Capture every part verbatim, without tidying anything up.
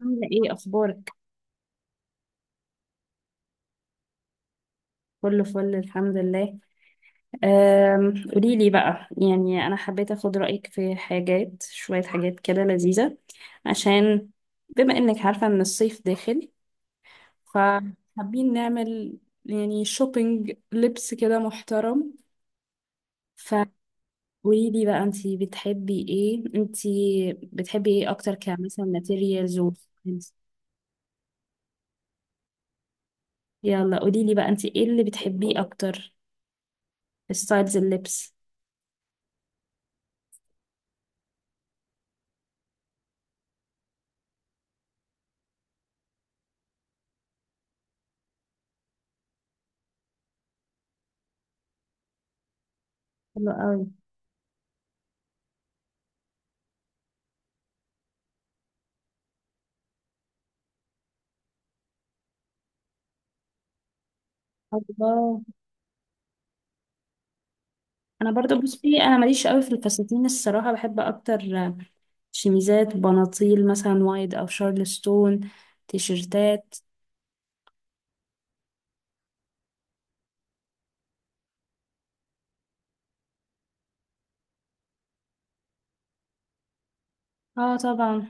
عاملة ايه اخبارك؟ كله فل الحمد لله. أم، قوليلي بقى، يعني انا حبيت اخد رأيك في حاجات شوية، حاجات كده لذيذة، عشان بما انك عارفة ان الصيف داخل، فحابين نعمل يعني شوبينج لبس كده محترم. فقوليلي بقى، انتي بتحبي ايه انتي بتحبي ايه اكتر؟ كمثلا ماتيريالز و styles؟ يلا قوليلي بقى، انتي ايه اللي بتحبيه اكتر في ستايلز اللبس؟ حلو قوي. الله! انا برضو بصي، انا ماليش قوي في الفساتين الصراحه، بحب اكتر شميزات، بناطيل مثلا وايد او شارلستون، تيشرتات. اه طبعا.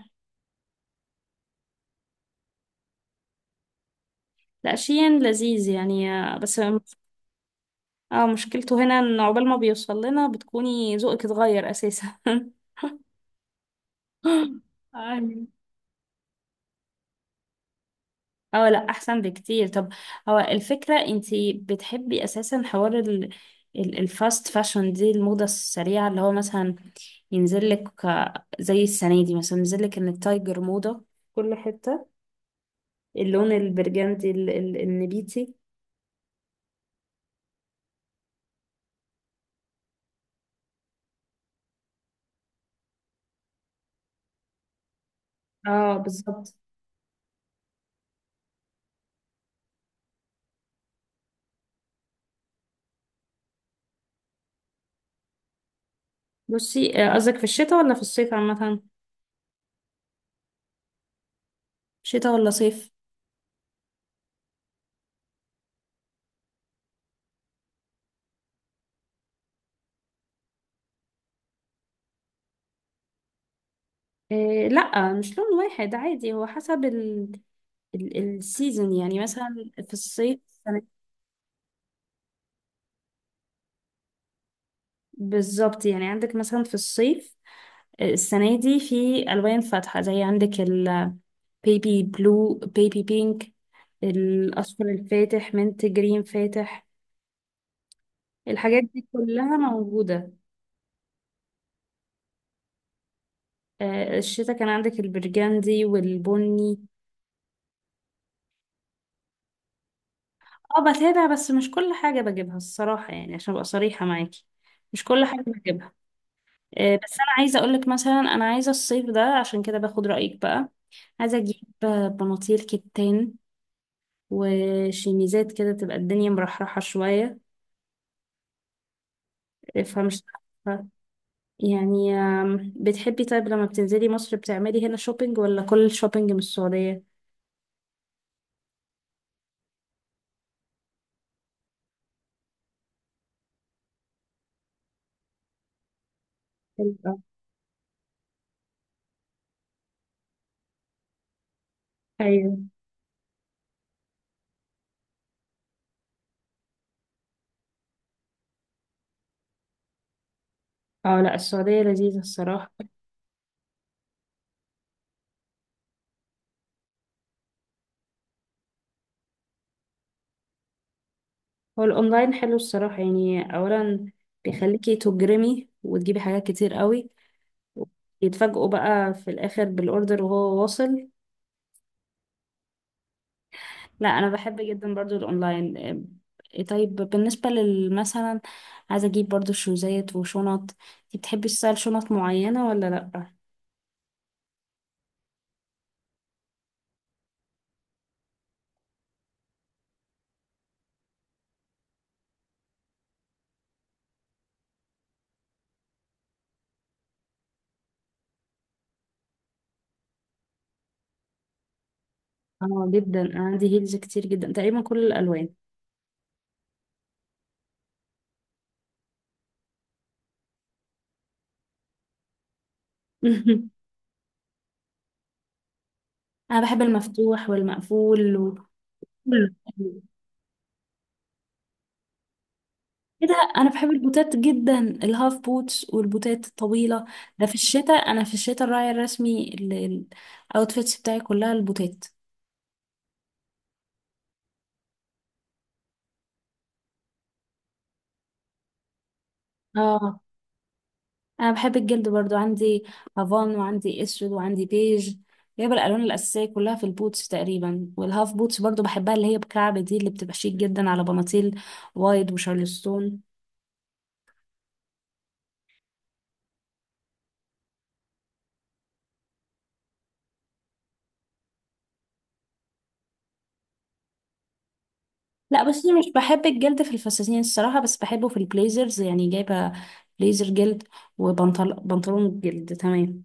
لا شيء لذيذ يعني، آه، بس اه، مشكلته هنا ان عقبال ما بيوصل لنا بتكوني ذوقك اتغير اساسا. أيوة. اه لا احسن بكتير. طب، هو الفكرة انتي بتحبي اساسا حوار ال ال- الفاست فاشن دي، الموضة السريعة اللي هو مثلا ينزل لك، آه، زي السنة دي مثلا ينزل لك ان التايجر موضة في كل حتة، اللون البرجندي ال- ال- النبيتي. اه بالظبط. بصي آه، قصدك في الشتاء ولا في الصيف عامة؟ شتاء ولا صيف؟ آه لا، مش لون واحد عادي، هو حسب ال ال السيزون يعني مثلا في الصيف بالظبط، يعني عندك مثلا في الصيف السنة دي في ألوان فاتحة، زي عندك البيبي بلو، بيبي بينك، الأصفر الفاتح، منت جرين فاتح، الحاجات دي كلها موجودة. آه، الشتا كان عندك البرجندي والبني. اه بتابع، بس مش كل حاجة بجيبها الصراحة، يعني عشان أبقى صريحة معاكي مش كل حاجة بجيبها. آه، بس أنا عايزة أقولك مثلا، أنا عايزة الصيف ده، عشان كده باخد رأيك بقى، عايزة أجيب آه، بناطيل كتان وشيميزات كده تبقى الدنيا مرحرحة شوية. فمش عارفة. يعني آم، بتحبي طيب لما بتنزلي مصر بتعملي هنا شوبينج ولا كل الشوبينج من السعودية؟ حلو. ايوه. اه لا، السعودية لذيذة الصراحة. هو الأونلاين حلو الصراحة، يعني أولا بيخليكي تجرمي وتجيبي حاجات كتير قوي، يتفاجئوا بقى في الآخر بالأوردر وهو واصل. لا انا بحب جدا برضو الاونلاين. إيه طيب، بالنسبة لل- مثلا عايزة اجيب برضو شوزات وشنط، انتي بتحبي تستايل شنط معينة ولا لا؟ اه جدا، انا عندي هيلز كتير جدا، تقريبا كل الالوان. انا بحب المفتوح والمقفول وكله. ايه ده، انا بحب البوتات جدا، الهاف بوتس والبوتات الطويلة. ده في الشتاء، انا في الشتاء الراعي الرسمي الاوتفيتس بتاعي كلها البوتات. اه، انا بحب الجلد برضو، عندي هافان وعندي اسود وعندي بيج، جايبه الالوان الاساسيه كلها في البوتس تقريبا، والهاف بوتس برضو بحبها، اللي هي بكعب دي اللي بتبقى شيك جدا على بناطيل وايد وشارلستون. لا بس أنا مش بحب الجلد في الفساتين الصراحه، بس بحبه في البليزرز، يعني جايبه بليزر جلد، وبنطلون بنطلون جلد، تمام.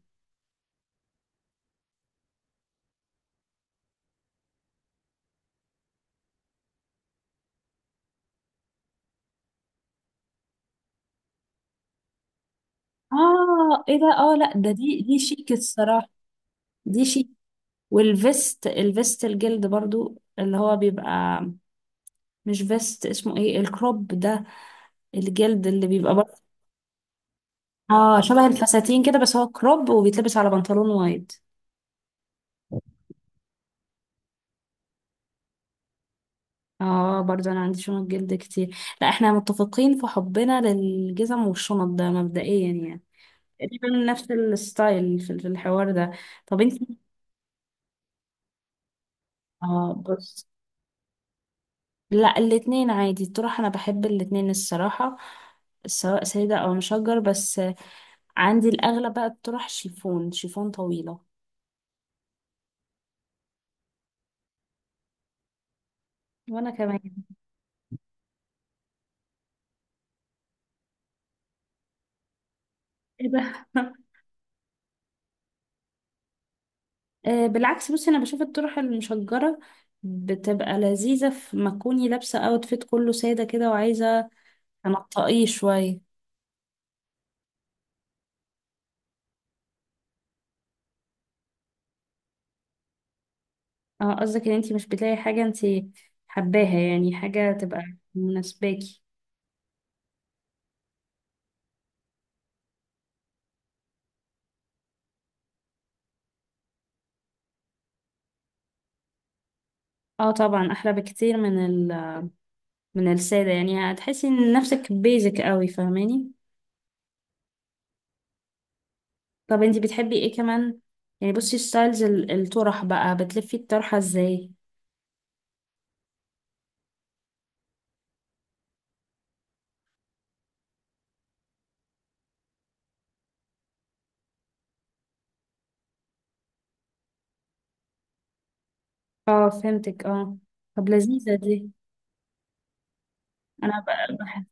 اه ايه ده، اه لا ده، دي دي شيك الصراحه، دي شيك. والفيست، الفيست الجلد برضو اللي هو بيبقى، مش فيست، اسمه ايه الكروب ده، الجلد اللي بيبقى برضه. اه شبه الفساتين كده، بس هو كروب وبيتلبس على بنطلون وايد. اه برضه انا عندي شنط جلد كتير. لا احنا متفقين في حبنا للجزم والشنط ده مبدئيا، يعني تقريبا نفس الستايل في في الحوار ده. طب انت، اه بص. لا، الاتنين عادي تروح، انا بحب الاتنين الصراحة، سواء سيدة او مشجر، بس عندي الاغلب بقى الطرح شيفون، شيفون طويلة. وانا كمان. ايه ده! آه، بالعكس بصي، انا بشوف الطرح المشجره بتبقى لذيذه في ما تكوني لابسه اوتفيت كله ساده كده وعايزه تنطقيه شويه. اه قصدك ان انتي مش بتلاقي حاجه انتي حباها، يعني حاجه تبقى مناسباكي. اه طبعا، احلى بكتير من ال من الساده، يعني هتحسي ان نفسك بيزك قوي، فاهماني؟ طب انتي بتحبي ايه كمان، يعني بصي ستايلز ال- الطرح بقى، بتلفي الطرحه ازاي؟ اه فهمتك، اه. طب لذيذه دي. انا ب- بح-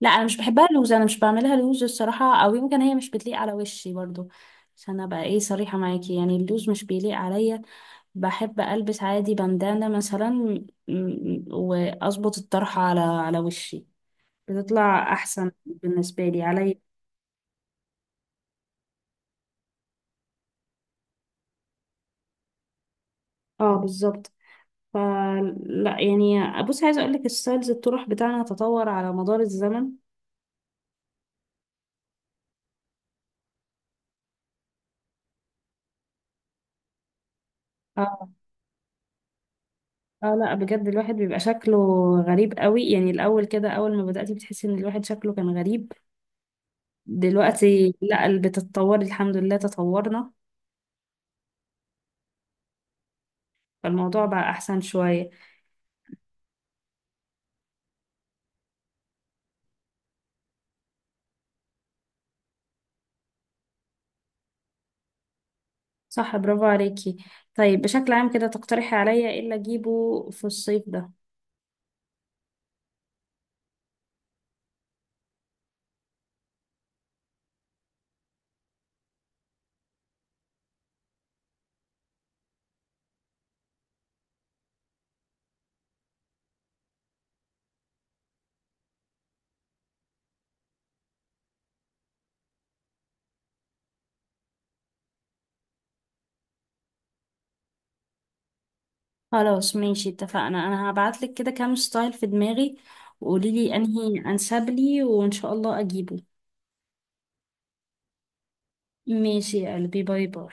لا انا مش بحبها لوز، انا مش بعملها لوز الصراحه، او يمكن هي مش بتليق على وشي برضو، عشان ابقى ايه صريحه معاكي، يعني اللوز مش بيليق عليا. بحب البس عادي بندانه مثلا، م- م- واظبط الطرحه على على وشي، بتطلع احسن بالنسبه لي عليا. اه بالظبط، فلا يعني بصي، عايزه اقول لك الستايلز الطرح بتاعنا تطور على مدار الزمن. اه. اه لا بجد الواحد بيبقى شكله غريب قوي، يعني الاول كده، اول ما بدأتي بتحسي ان الواحد شكله كان غريب، دلوقتي لا، ال- بتتطوري الحمد لله، تطورنا فالموضوع بقى احسن شوية. صح برافو عليكي. طيب بشكل عام كده، تقترحي عليا ايه اللي اجيبه في الصيف ده؟ خلاص ماشي، اتفقنا. انا هبعتلك كده كام ستايل في دماغي وقولي لي انهي انسب لي، وان شاء الله اجيبه. ماشي يا قلبي، باي باي.